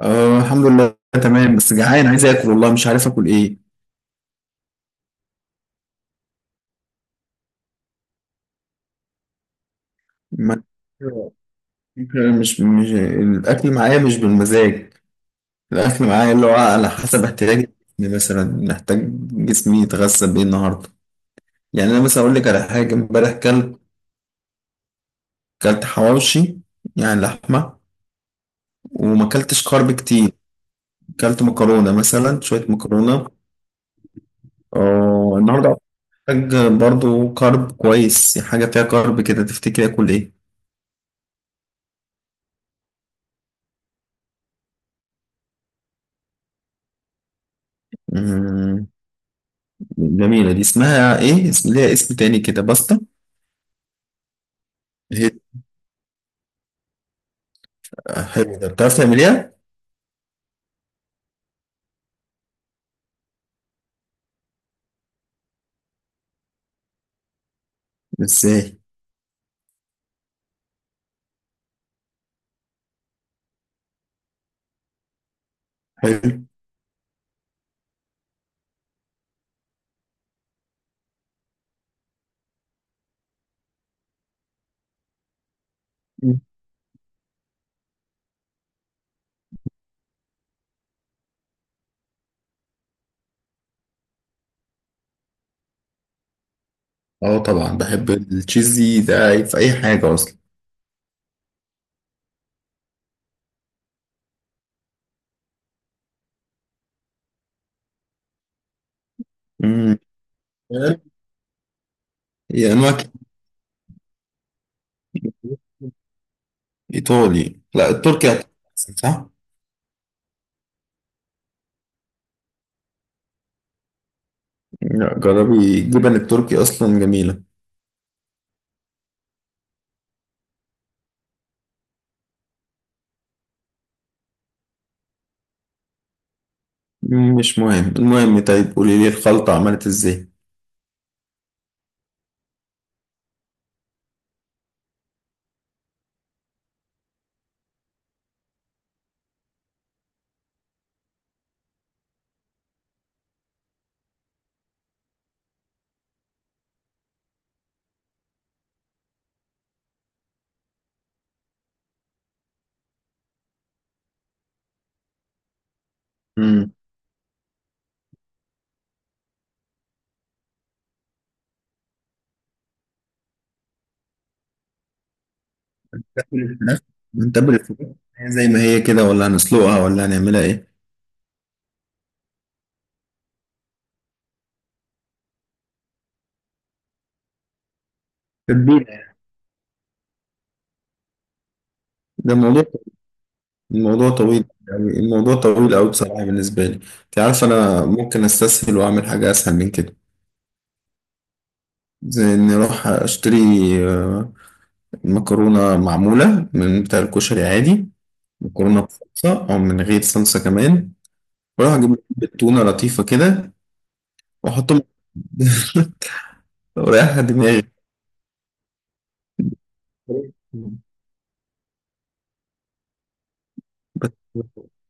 أه، الحمد لله. تمام، بس جعان عايز اكل والله مش عارف اكل ايه. ما مش مش الاكل معايا مش بالمزاج. الاكل معايا اللي هو على حسب احتياجي، يعني مثلا محتاج جسمي يتغذى بايه النهارده. يعني انا مثلا اقول لك على حاجه امبارح كلت حواوشي، يعني لحمه، وما كلتش كارب كتير، كلت مكرونه مثلا شويه مكرونه. اه النهارده محتاج برضو كارب كويس، حاجه فيها كارب كده، تفتكري اكل ايه؟ جميلة دي، اسمها ايه؟ اسم ليها اسم تاني كده، باستا. هي حلو ده، بتعرف تعمليها؟ ازاي؟ حلو. مم. اه طبعا بحب التشيزي ده في اي حاجة اصلا. مم. هي انواع كتير. ايطالي؟ لا التركي أحسن، صح؟ لا جربي الجبن التركي، اصلا جميلة. مم، مش مهم المهم، طيب قولي لي الخلطة عملت ازاي؟ مم. تاكل الفراخ، نتبل الفراخ. هي زي ما هي كده ولا هنسلقها ولا هنعملها ايه؟ تتبيلة يعني. ده الموضوع، الموضوع طويل، يعني الموضوع طويل أوي بصراحة بالنسبة لي. أنت عارف أنا ممكن أستسهل وأعمل حاجة أسهل من كده. زي إني أروح أشتري آه، مكرونة معمولة من بتاع الكشري عادي، مكرونة بصلصة أو من غير صلصة كمان، وأروح أجيب علبة تونة لطيفة كده وأحطهم وريحها دماغي.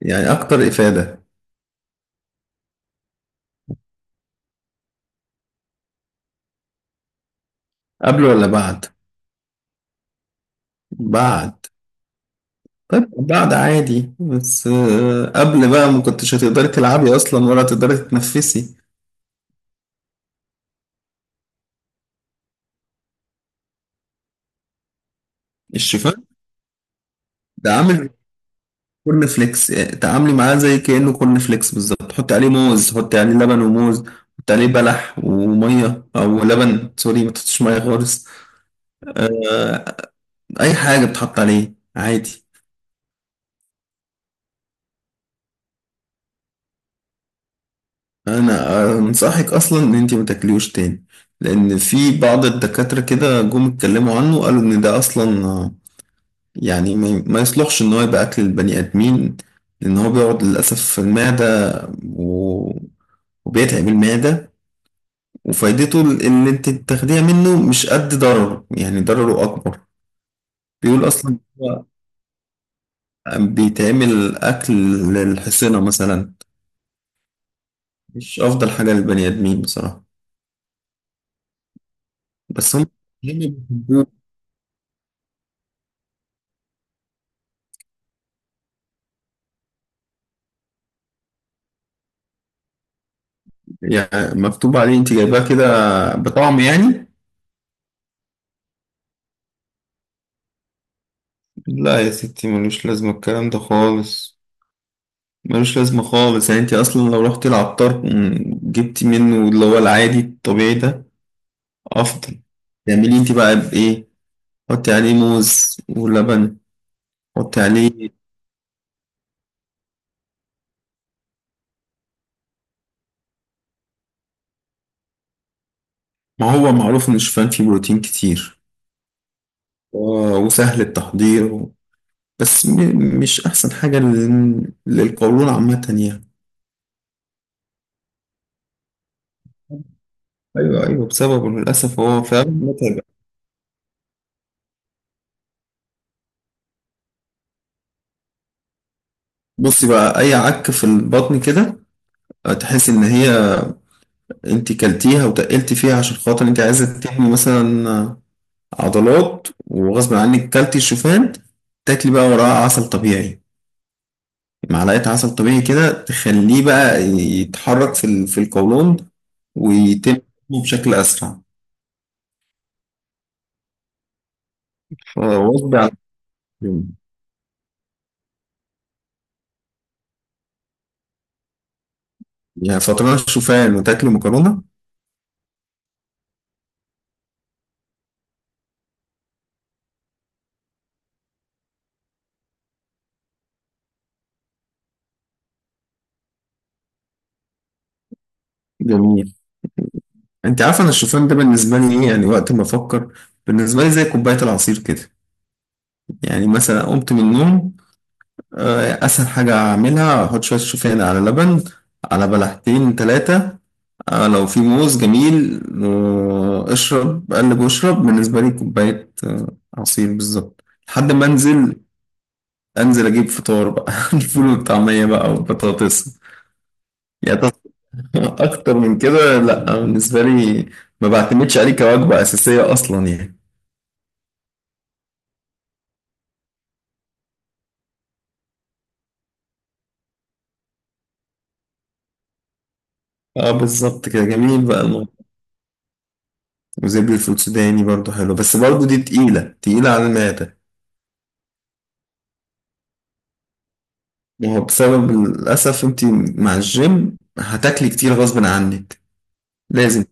يعني أكتر إفادة. قبل ولا بعد؟ بعد. طيب بعد عادي، بس قبل بقى ما كنتش هتقدري تلعبي اصلا ولا هتقدري تتنفسي. الشوفان ده عامل كورن فليكس. تعاملي معاه زي كأنه كورن فليكس بالظبط، حطي عليه موز، حطي عليه لبن وموز، حطي عليه بلح وميه او لبن، سوري ما تحطيش ميه خالص. آه، اي حاجه بتحط عليه عادي. انا انصحك اصلا ان انت ما تاكليهوش تاني، لان في بعض الدكاتره كده جم اتكلموا عنه قالوا ان ده اصلا، يعني ما يصلحش ان هو يبقى اكل البني ادمين، لان هو بيقعد للاسف في المعده و... وبيتعب المعده، وفايدته اللي انت بتاخديها منه مش قد ضرره، يعني ضرره اكبر. بيقول اصلا هو بيتعمل اكل للحصينه مثلا، مش افضل حاجه للبني ادمين بصراحه. بس هم بيحبوه. يعني مكتوب عليه انت جايباه كده بطعم يعني. لا يا ستي ملوش لازمه الكلام ده خالص، ملوش لازمة خالص. يعني انت اصلا لو رحت العطار جبتي منه اللي هو العادي الطبيعي ده افضل. تعملي انت بقى بايه؟ حطي عليه موز ولبن، حطي عليه. ما هو معروف ان الشوفان فيه بروتين كتير وسهل التحضير بس مش احسن حاجة للقولون عامة يعني. ايوه ايوه بسببه للاسف هو فعلا متعب. بصي بقى، اي عك في البطن كده تحس ان هي انت كلتيها وتقلتي فيها عشان خاطر انت عايزه تحمي مثلا عضلات وغصب عنك كلتي الشوفان، تاكلي بقى وراها عسل طبيعي، معلقة عسل طبيعي كده، تخليه بقى يتحرك في القولون، ويتم بشكل أسرع فغصب عنك. يعني فطران الشوفان وتاكلي مكرونة؟ جميل. انت عارفه انا الشوفان ده بالنسبه لي ايه يعني؟ وقت ما افكر، بالنسبه لي زي كوبايه العصير كده. يعني مثلا قمت من النوم، اسهل حاجه اعملها احط شويه شوفان على لبن، على بلحتين ثلاثه، آه لو في موز جميل، آه اشرب قلب واشرب، بالنسبة لي كوباية آه عصير بالظبط، لحد ما انزل انزل اجيب فطار بقى الفول والطعمية بقى والبطاطس. يعني اكتر من كده لا بالنسبة لي، ما بعتمدش عليه كوجبة اساسية اصلا يعني. اه بالظبط كده، جميل بقى الموضوع. وزبدة الفول السوداني برضو حلو، بس برضو دي تقيلة تقيلة على المعدة. ما هو بسبب للأسف أنت مع الجيم هتاكلي كتير غصب عنك، لازم.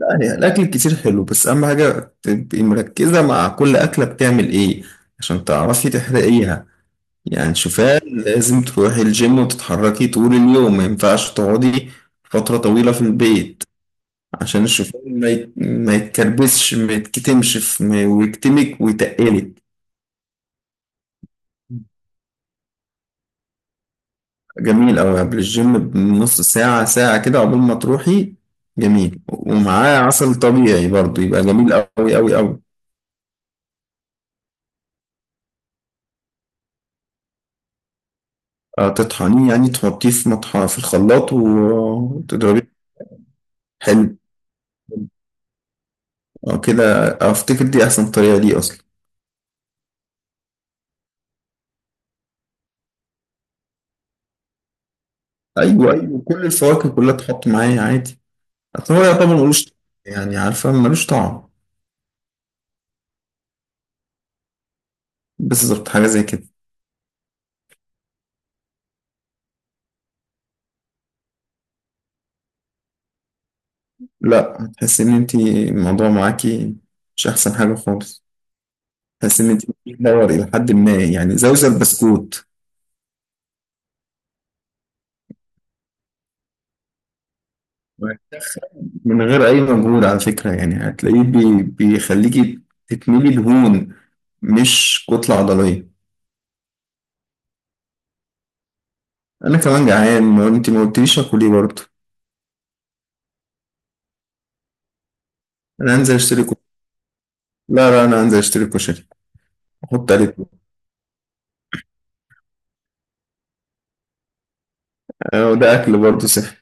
لا يعني الأكل الكتير حلو، بس أهم حاجة تبقي مركزة مع كل أكلة بتعمل إيه عشان تعرفي تحرقيها. يعني شوفان لازم تروحي الجيم وتتحركي طول اليوم، ما ينفعش تقعدي فترة طويلة في البيت عشان الشوفان ما يتكربسش ما يتكتمش ويكتمك ويتقلك. جميل أوي، قبل الجيم بنص ساعة ساعة كده قبل ما تروحي، جميل، ومعاه عسل طبيعي برضه يبقى جميل أوي أوي أوي. تطحنيه يعني، تحطيه في مطحن في الخلاط وتضربيه. حلو، كده أفتكر دي أحسن طريقة ليه أصلا. أيوه أيوه، كل الفواكه كلها تحط معاه عادي، أصل هو يعتبر ملوش طعم، يعني عارفة ملوش طعم، بس ظبط حاجة زي كده. لا هتحسي إن أنتي الموضوع معاكي مش أحسن حاجة خالص، بس مديك دور إلى حد ما، يعني زوزة بسكوت. من غير أي مجهود على فكرة، يعني هتلاقيه بي بيخليكي تتملي دهون مش كتلة عضلية. أنا كمان جعان، ما أنت ما قلتليش آكل إيه برضه. أنا هنزل أشتري كشري. لا لا أنا هنزل أشتري كشري، أحط عليه توم. أه، وده أكل برضه صحي.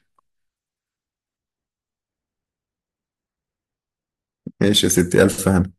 ماشي يا ستي، ألف هنا.